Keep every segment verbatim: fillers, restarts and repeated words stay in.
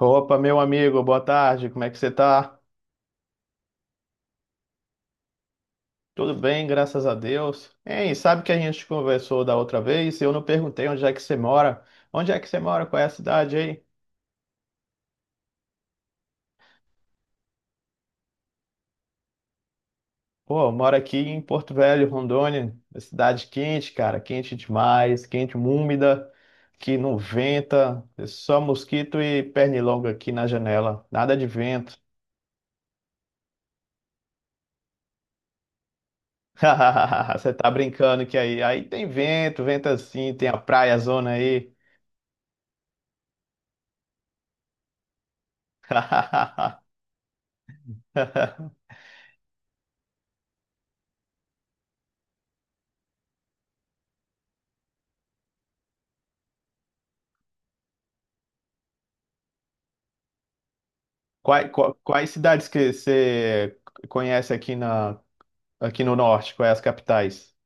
Opa, meu amigo, boa tarde, como é que você tá? Tudo bem, graças a Deus. Hein, sabe que a gente conversou da outra vez? e Eu não perguntei onde é que você mora. Onde é que você mora? Qual é a cidade aí? Pô, eu moro aqui em Porto Velho, Rondônia, uma cidade quente, cara, quente demais, quente, úmida, que não venta, é só mosquito e pernilongo aqui na janela, nada de vento. Você tá brincando que aí, aí tem vento, vento assim, tem a praia, zona aí. Quais, qua- quais cidades que você conhece aqui na, aqui no norte? Quais as capitais?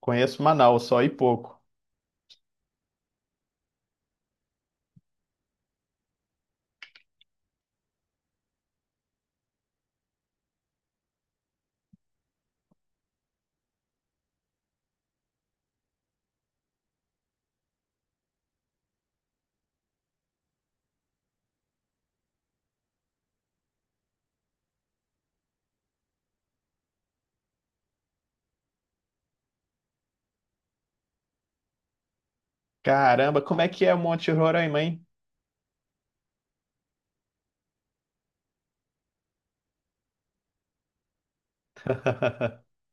Conheço Manaus só e pouco. Caramba, como é que é Monte Roraima, hein?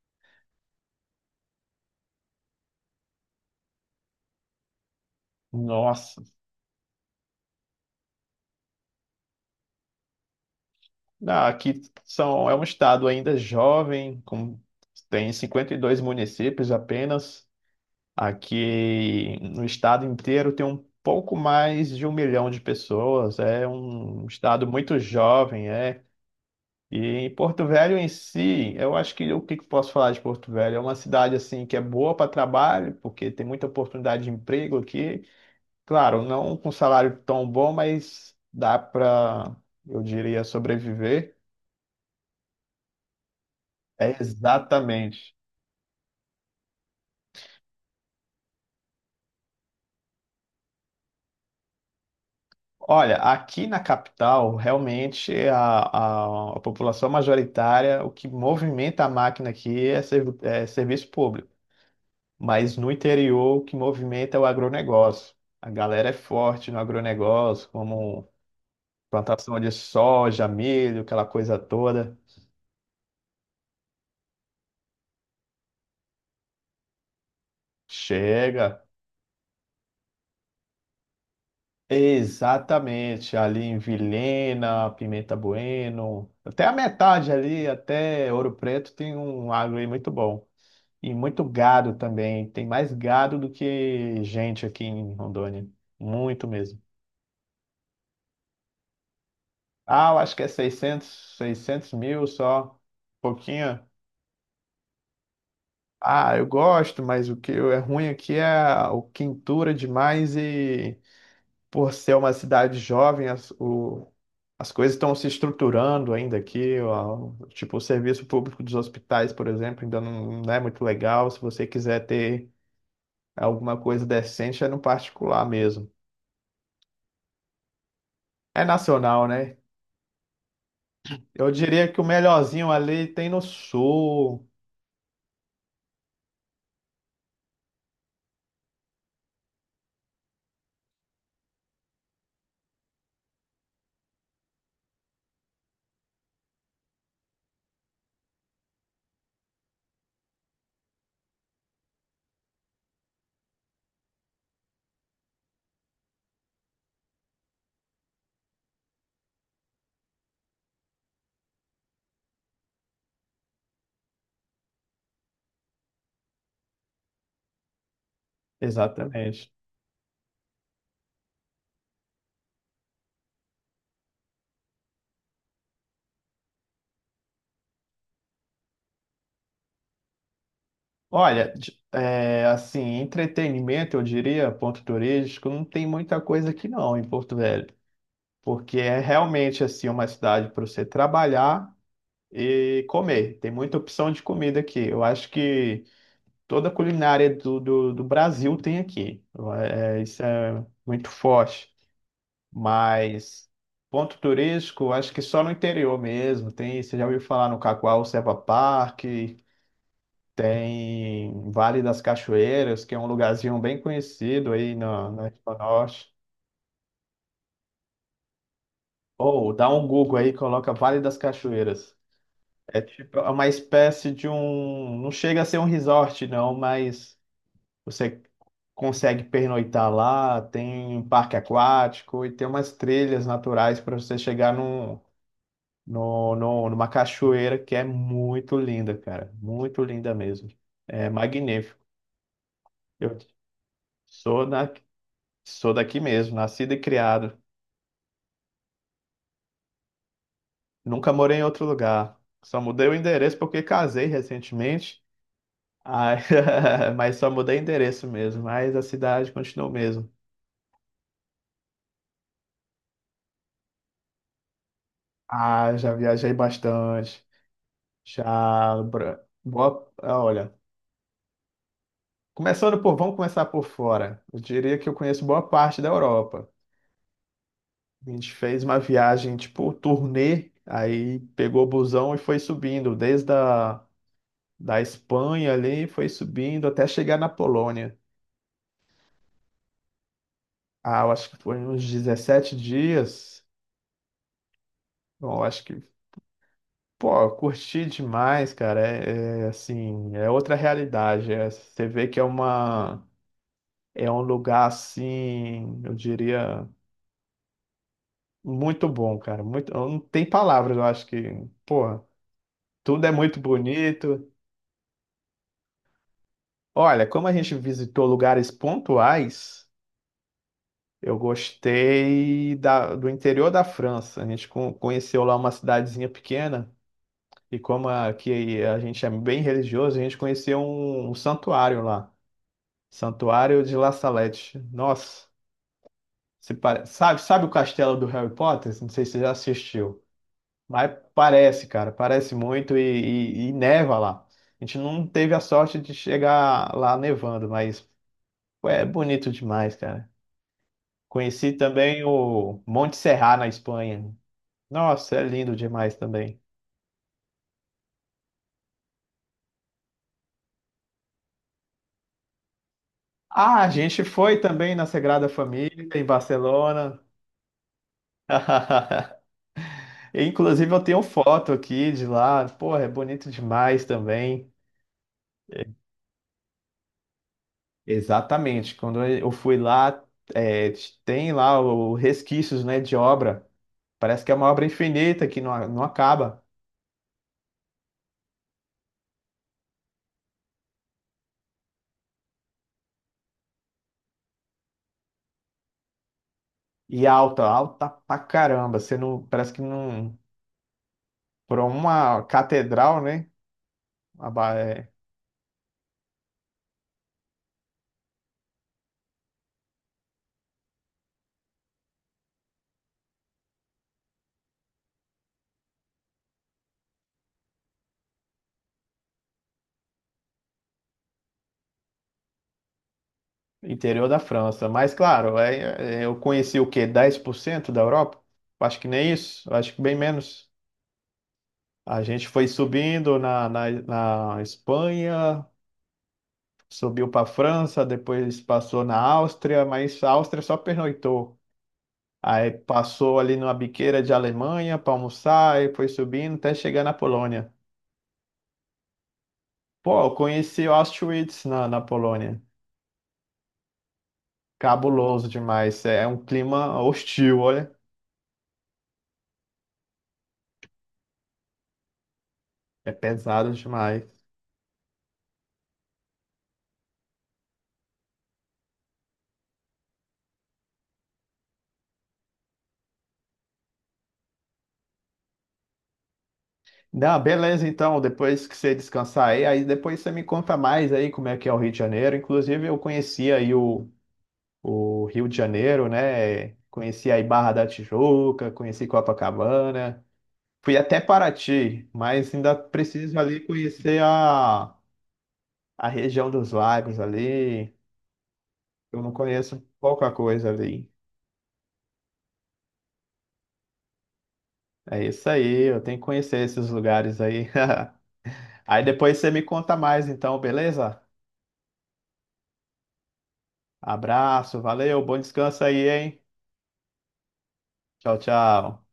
Nossa. Ah, aqui são, é um estado ainda jovem, com, tem cinquenta e dois municípios apenas. Aqui no estado inteiro tem um pouco mais de um milhão de pessoas. É um estado muito jovem, é. E em Porto Velho em si, eu acho que o que que eu posso falar de Porto Velho? É uma cidade assim que é boa para trabalho, porque tem muita oportunidade de emprego aqui. Claro, não com salário tão bom, mas dá para, eu diria, sobreviver. É exatamente. Olha, aqui na capital, realmente a, a, a população majoritária, o que movimenta a máquina aqui é, servi- é serviço público. Mas no interior, o que movimenta é o agronegócio. A galera é forte no agronegócio, como plantação de soja, milho, aquela coisa toda. Chega. Exatamente, ali em Vilhena, Pimenta Bueno, até a metade ali, até Ouro Preto, tem um agro aí muito bom. E muito gado também, tem mais gado do que gente aqui em Rondônia, muito mesmo. Ah, eu acho que é seiscentos seiscentos mil só, pouquinho. Ah, eu gosto, mas o que é ruim aqui é a o quintura demais e por ser uma cidade jovem, as, o- as coisas estão se estruturando ainda aqui. Ó, tipo, o serviço público dos hospitais, por exemplo, ainda não, não é muito legal. Se você quiser ter alguma coisa decente, é no particular mesmo. É nacional, né? Eu diria que o melhorzinho ali tem no sul. Exatamente. Olha, de- é, assim, entretenimento, eu diria, ponto turístico, não tem muita coisa aqui não em Porto Velho, porque é realmente assim uma cidade para você trabalhar e comer. Tem muita opção de comida aqui. Eu acho que toda a culinária do, do, do Brasil tem aqui. É, isso é muito forte. Mas ponto turístico, acho que só no interior mesmo. Tem, você já ouviu falar no Cacoal, Serra Park, tem Vale das Cachoeiras, que é um lugarzinho bem conhecido aí na, na região norte. Ou dá um Google aí, coloca Vale das Cachoeiras. É tipo é uma espécie de um. Não chega a ser um resort, não, mas você consegue pernoitar lá, tem um parque aquático e tem umas trilhas naturais para você chegar num, no, no, numa cachoeira que é muito linda, cara. Muito linda mesmo. É magnífico. Eu sou na Sou daqui mesmo, nascido e criado. Nunca morei em outro lugar. Só mudei o endereço porque casei recentemente. Ai, mas só mudei endereço mesmo. Mas a cidade continua o mesmo. Ah, já viajei bastante. Já. Bra- Boa... ah, Olha, começando por. Vamos começar por fora. Eu diria que eu conheço boa parte da Europa. A gente fez uma viagem, tipo, turnê. Aí pegou o busão e foi subindo, desde a da Espanha ali, foi subindo até chegar na Polônia. Ah, eu acho que foi uns dezessete dias. Bom, eu acho que, pô, eu curti demais, cara. É, é, assim, é outra realidade. É, você vê que é uma, é um lugar assim, eu diria, muito bom, cara. Muito, eu não tem palavras, eu acho que, pô, tudo é muito bonito. Olha, como a gente visitou lugares pontuais, eu gostei da, do interior da França. A gente con- conheceu lá uma cidadezinha pequena. E como aqui a gente é bem religioso, a gente conhecia um, um santuário lá, Santuário de La Salette. Nossa, se pare- sabe, sabe o castelo do Harry Potter? Não sei se você já assistiu, mas parece, cara, parece muito e, e- e neva lá. A gente não teve a sorte de chegar lá nevando, mas pô, é bonito demais, cara. Conheci também o Monte Serra na Espanha. Nossa, é lindo demais também. Ah, a gente foi também na Sagrada Família, em Barcelona. Inclusive, eu tenho foto aqui de lá. Porra, é bonito demais também. Exatamente. Quando eu fui lá, é, tem lá o resquícios, né, de obra. Parece que é uma obra infinita que não, não acaba. E alta, alta pra caramba. Você não, parece que não. Por uma catedral, né? a ba- é, Interior da França. Mas, claro, é, é, eu conheci o quê? Dez por cento da Europa? Acho que nem isso. Acho que bem menos. A gente foi subindo na, na, na Espanha, subiu para a França, depois passou na Áustria, mas a Áustria só pernoitou. Aí passou ali numa biqueira de Alemanha para almoçar e foi subindo até chegar na Polônia. Pô, eu conheci Auschwitz na, na Polônia. Cabuloso demais. É é um clima hostil, olha. É pesado demais. Não, beleza, então, depois que você descansar aí, aí depois você me conta mais aí como é que é o Rio de Janeiro. Inclusive, eu conheci aí o o Rio de Janeiro, né? Conheci aí Barra da Tijuca, conheci Copacabana, fui até Paraty, mas ainda preciso ali conhecer a, a região dos lagos ali. Eu não conheço pouca coisa ali. É isso aí, eu tenho que conhecer esses lugares aí. Aí depois você me conta mais, então, beleza? Abraço, valeu, bom descanso aí, hein? Tchau, tchau.